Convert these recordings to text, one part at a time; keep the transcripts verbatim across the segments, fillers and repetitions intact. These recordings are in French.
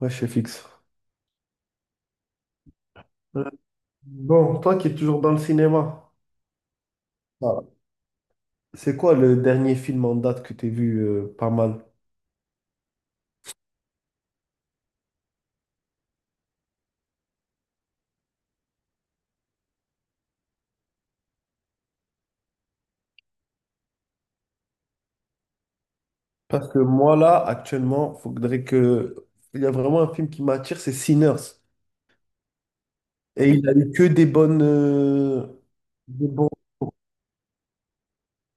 Ouais, je suis fixe. Euh, Bon, toi qui es toujours dans le cinéma. Ah. C'est quoi le dernier film en date que tu as vu euh, pas mal? Parce que moi là, actuellement, faudrait que... il y a vraiment un film qui m'attire, c'est Sinners. Et il a eu que des bonnes... euh, des bons...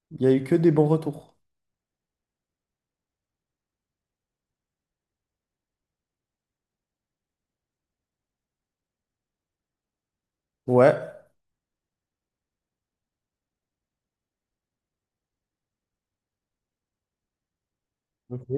Il y a eu que des bons retours. Ouais. Ok.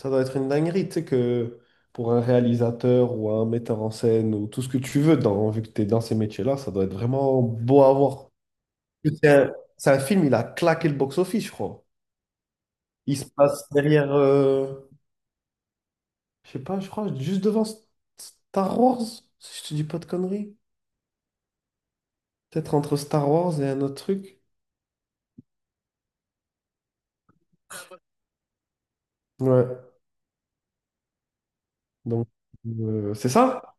Ça doit être une dinguerie, tu sais, que pour un réalisateur ou un metteur en scène ou tout ce que tu veux, dans... vu que tu es dans ces métiers-là, ça doit être vraiment beau à voir. C'est un, c'est un film, il a claqué le box-office, je crois. Il se passe derrière, euh, je sais pas, je crois, juste devant S- Star Wars, si je te dis pas de conneries. Peut-être entre Star Wars et un autre truc. Ouais, donc, euh, c'est ça?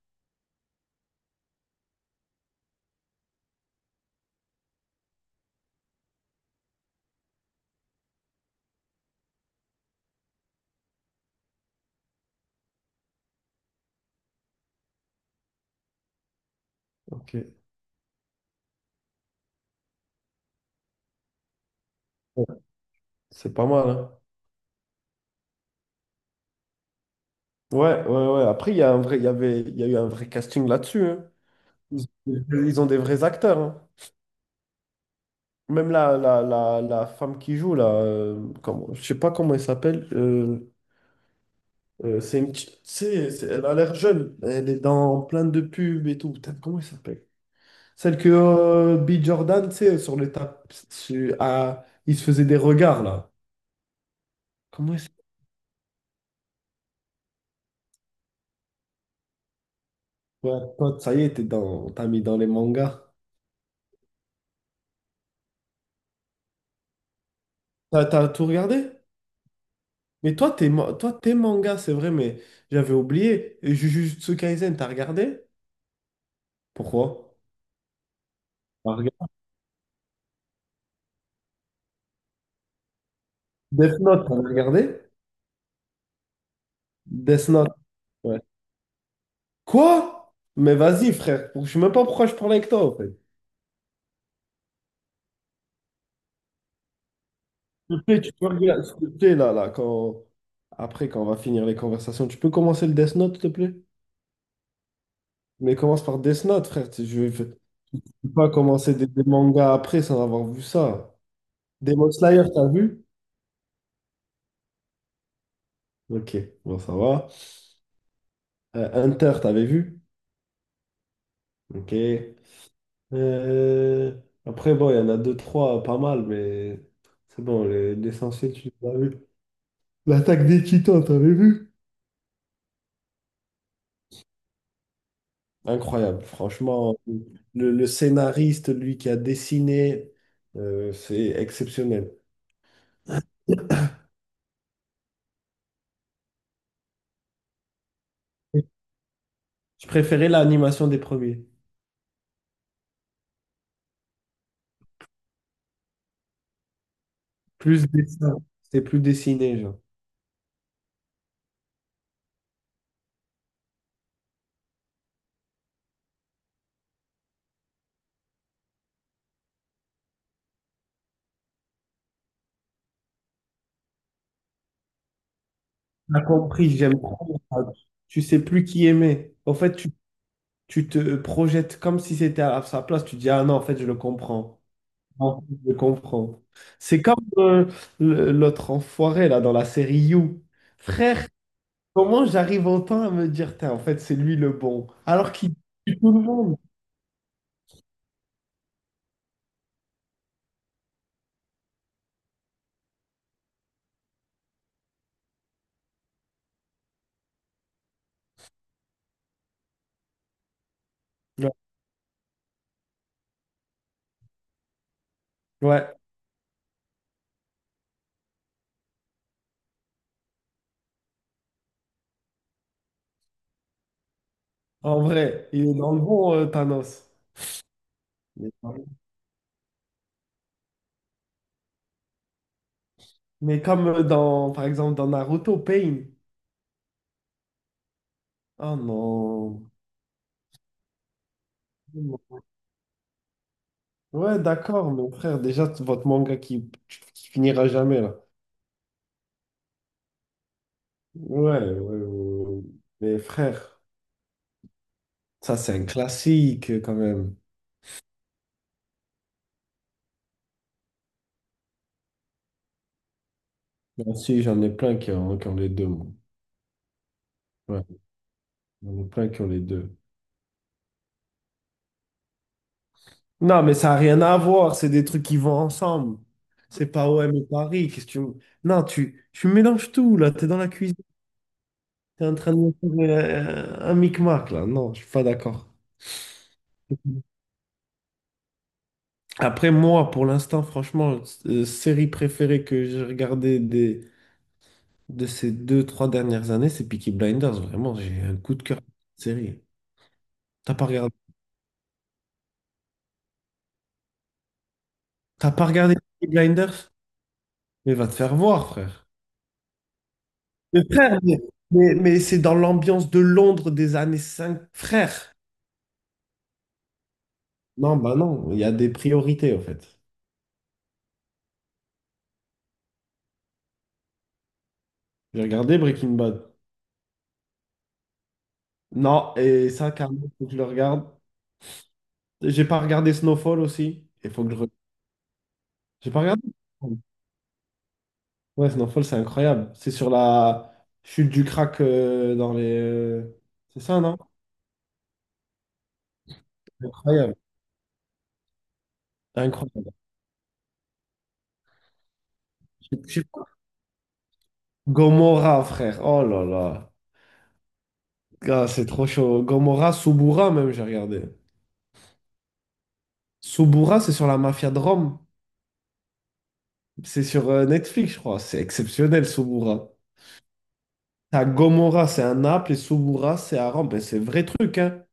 Ok. Ouais, c'est pas mal, hein. Ouais, ouais, ouais. Après, il y a un vrai, il y avait, il y a eu un vrai casting là-dessus, hein. Ils ils ont des vrais acteurs, hein. Même la, la, la, la femme qui joue, là, euh, comment, je sais pas comment elle s'appelle. euh, Euh, c'est une petite- c'est- c'est- Elle a l'air jeune. Elle est dans plein de pubs et tout. Putain, comment elle s'appelle? Celle que euh, B. Jordan, tu sais, sur le tap, sur- à- il se faisait des regards, là. Comment elle s'appelle? Ouais, toi, ça y est, t'es dans, t'as mis dans les mangas. T'as, t'as tout regardé? Mais toi, t'es, ma- toi, t'es manga, c'est vrai, mais j'avais oublié. Et Jujutsu Kaisen, t'as regardé? Pourquoi? T'as regardé Death Note, t'as regardé? Death Note, ouais. Quoi? Mais vas-y, frère. Je sais même pas pourquoi je parle avec toi, en fait. Tu peux, tu peux regarder, s'il te plaît, là, là, quand... Après, quand on va finir les conversations, tu peux commencer le Death Note, s'il te plaît? Mais commence par Death Note, frère. tu- Je je peux pas commencer des, des mangas après sans avoir vu ça. Demon Slayer, t'as vu? Ok, bon, ça va. Euh, Hunter, t'avais vu? Ok. Euh, Après, bon, il y en a deux, trois, pas mal, mais c'est bon, les- l'essentiel, tu l'as vu. L'attaque des Titans, t'avais vu? Incroyable, franchement. Le, le scénariste, lui qui a dessiné, euh, c'est exceptionnel. Je préférais l'animation des premiers. Plus dessin, c'était plus dessiné, genre. T'as compris, j'aime trop. Tu sais plus qui aimer. En fait, tu, tu te projettes comme si c'était à sa place. Tu dis, ah non, en fait, je le comprends. En fait, je le comprends. C'est comme euh, le- l'autre enfoiré, là, dans la série You. Frère, comment j'arrive autant à me dire, tain, en fait, c'est lui le bon, alors qu'il tue tout le monde. Ouais, ouais. En vrai, il est dans le bon, euh, Thanos. Mais mais comme euh, dans, par exemple, dans Naruto, Pain. Oh non. Non. Ouais, d'accord, mon frère, déjà, t- votre manga qui, qui finira jamais, là. Ouais, ouais, ouais, ouais. Mais frère, ça, c'est un classique, quand même. Moi aussi, j'en ai plein qui ont, qui ont les deux, moi. Ouais, j'en ai plein qui ont les deux. Non, mais ça n'a rien à voir. C'est des trucs qui vont ensemble. C'est pas O M et Paris. Qu'est-ce que tu... Non, tu, tu mélanges tout, là. Tu es dans la cuisine. Tu es en train de me faire euh, un micmac, là. Non, je suis pas d'accord. Après, moi, pour l'instant, franchement, euh, série préférée que j'ai regardée des, de ces deux, trois dernières années, c'est Peaky Blinders. Vraiment, j'ai un coup de cœur pour cette série. T'as pas regardé, t'as pas regardé Peaky Blinders? Mais va te faire voir, frère. Mais frère, mais, mais- mais c'est dans l'ambiance de Londres des années cinq, frère. Non, bah non, il y a des priorités en fait. J'ai regardé Breaking Bad. Non, et ça, carrément, faut que je le regarde. J'ai pas regardé Snowfall aussi. Il faut que je regarde. J'ai pas regardé. Snowfall. Ouais, Snowfall, c'est incroyable. C'est sur la chute du crack, euh, dans les... euh, c'est ça, non? Incroyable. Incroyable. Je- je sais pas. Gomorrah, frère. Oh là là. Gars, c'est trop chaud. Gomorrah, Subura, même, j'ai regardé. Sobura, c'est sur la mafia de Rome. C'est sur euh, Netflix, je crois. C'est exceptionnel, Sobura. T'as Gomorra, c'est à Naples, et Sobura, c'est à Rome. Ben, c'est vrai truc, hein.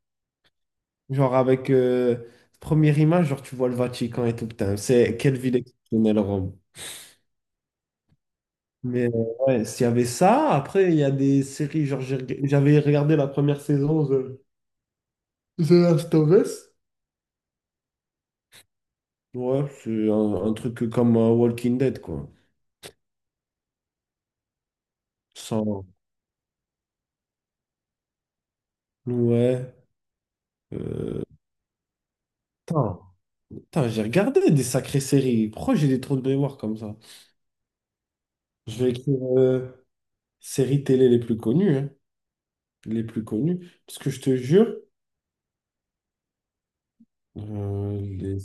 Genre, avec euh, première image, genre, tu vois le Vatican et tout. Putain, c'est quelle ville exceptionnelle, Rome. Mais euh, ouais, s'il y avait ça, après, il y a des séries, genre, j'ai reg- j'avais regardé la première saison de The Last of Us. Ouais, c'est un, un truc comme euh, Walking Dead, quoi. Sans... Ouais. Euh... putain. Putain, j'ai regardé des sacrées séries. Pourquoi j'ai des trous de mémoire comme ça? Je vais écrire euh, séries télé les plus connues, hein, les plus connues. Parce que je te jure, euh, les-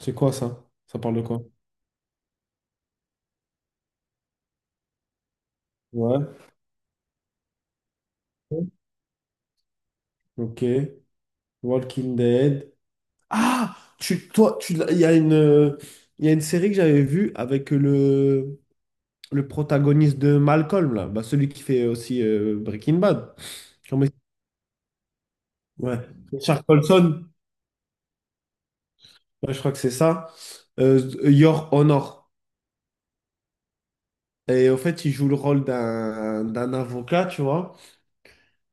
c'est quoi ça? Ça parle de quoi? Ouais. Ok. Walking Dead. Ah! Tu, toi, tu, l'as- il y a une, euh, il y a une série que j'avais vue avec le, le protagoniste de Malcolm, là. Bah, celui qui fait aussi euh, Breaking Bad. Comment il- Ouais. Richard Colson. Ouais, je crois que c'est ça. Euh, Your Honor. Et en fait, il joue le rôle d'un d'un avocat, tu vois.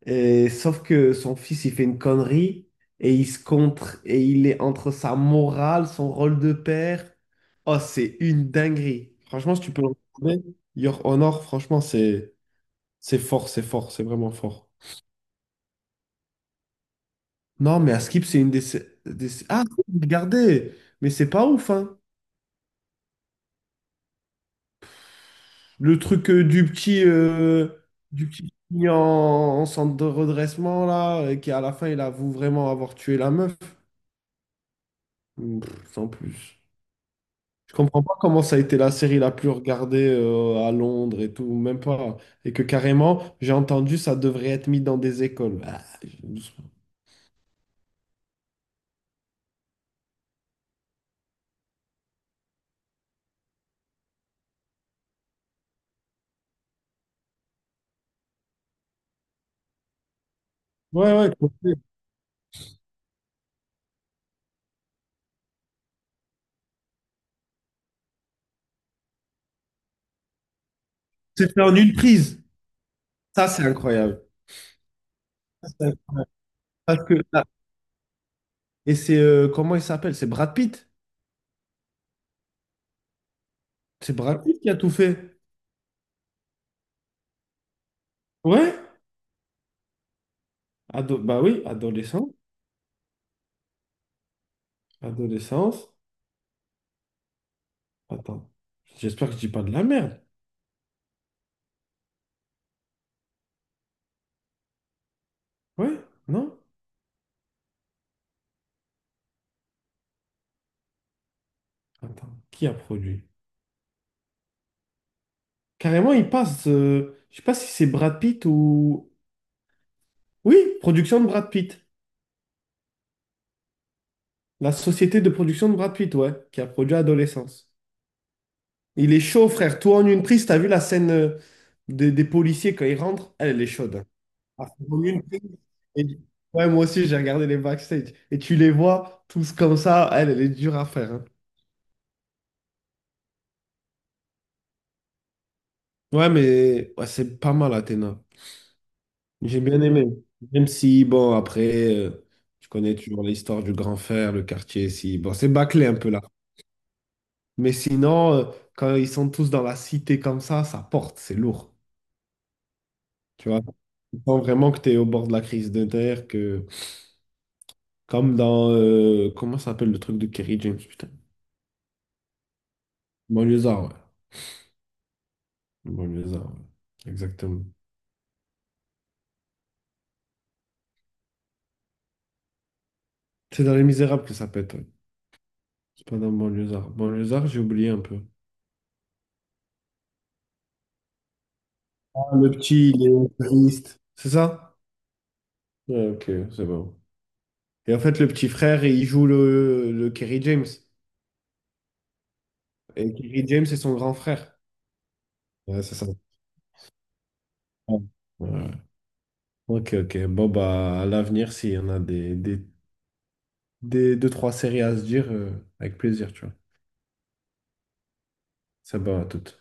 Et sauf que son fils, il fait une connerie et il se contre et il est entre sa morale, son rôle de père. Oh, c'est une dinguerie. Franchement, si tu peux le retrouver, Your Honor, franchement, c'est c'est fort, c'est fort, c'est vraiment fort. Non, mais Askip c'est une des... sé- des sé- ah, regardez, mais c'est pas ouf, hein. Le truc euh, du petit, euh, du petit qui est en, en centre de redressement, là, euh, qui à la fin, il avoue vraiment avoir tué la meuf. Mmh, pff, sans plus. Je comprends pas comment ça a été la série la plus regardée euh, à Londres et tout, même pas. Et que carrément, j'ai entendu, ça devrait être mis dans des écoles. Ah, je- Ouais, ouais, complet. C'est fait en une prise. Ça, c'est incroyable. Ça, c'est- Parce que, ah, et c'est, euh, comment il s'appelle? C'est Brad Pitt. C'est Brad Pitt qui a tout fait. Ouais, Ado- bah oui, adolescent. Adolescence. Attends. J'espère que je dis pas de la merde. Ouais? Non? Attends. Qui a produit? Carrément, il passe. Euh, je sais pas si c'est Brad Pitt ou. Oui, production de Brad Pitt. La société de production de Brad Pitt, ouais, qui a produit Adolescence. Il est chaud, frère. Toi en une prise, t'as vu la scène euh, des, des policiers quand ils rentrent? Elle, elle est chaude, hein. Ah, c'est en une prise. Et- Ouais, moi aussi, j'ai regardé les backstage. Et tu les vois tous comme ça. Elle, elle est dure à faire, hein. Ouais, mais ouais, c'est pas mal, Athéna. J'ai bien aimé. Même si, bon, après, euh, tu connais toujours l'histoire du grand frère, le quartier, si, bon, c'est bâclé un peu là. Mais sinon, euh, quand ils sont tous dans la cité comme ça, ça porte, c'est lourd. Tu vois, tu sens vraiment que tu es au bord de la crise de terre, que, comme dans, euh, comment ça s'appelle le truc de Kerry James, putain? Banlieusard, ouais. Banlieusard, ouais. Exactement. C'est dans Les Misérables que ça pète, ouais. C'est pas dans Banlieusard. Banlieusard, j'ai oublié un peu. Ah, le petit, il est triste. C'est ça? Ouais, ok, c'est bon. Et en fait, le petit frère, il joue le, le Kerry James. Et Kerry James, c'est son grand frère. Ouais, c'est ça. Ouais. Ouais. Ok, ok. Bon, bah, à l'avenir, s'il y en a des, des, des deux, trois séries à se dire, euh, avec plaisir, tu vois. Ça va, à toutes.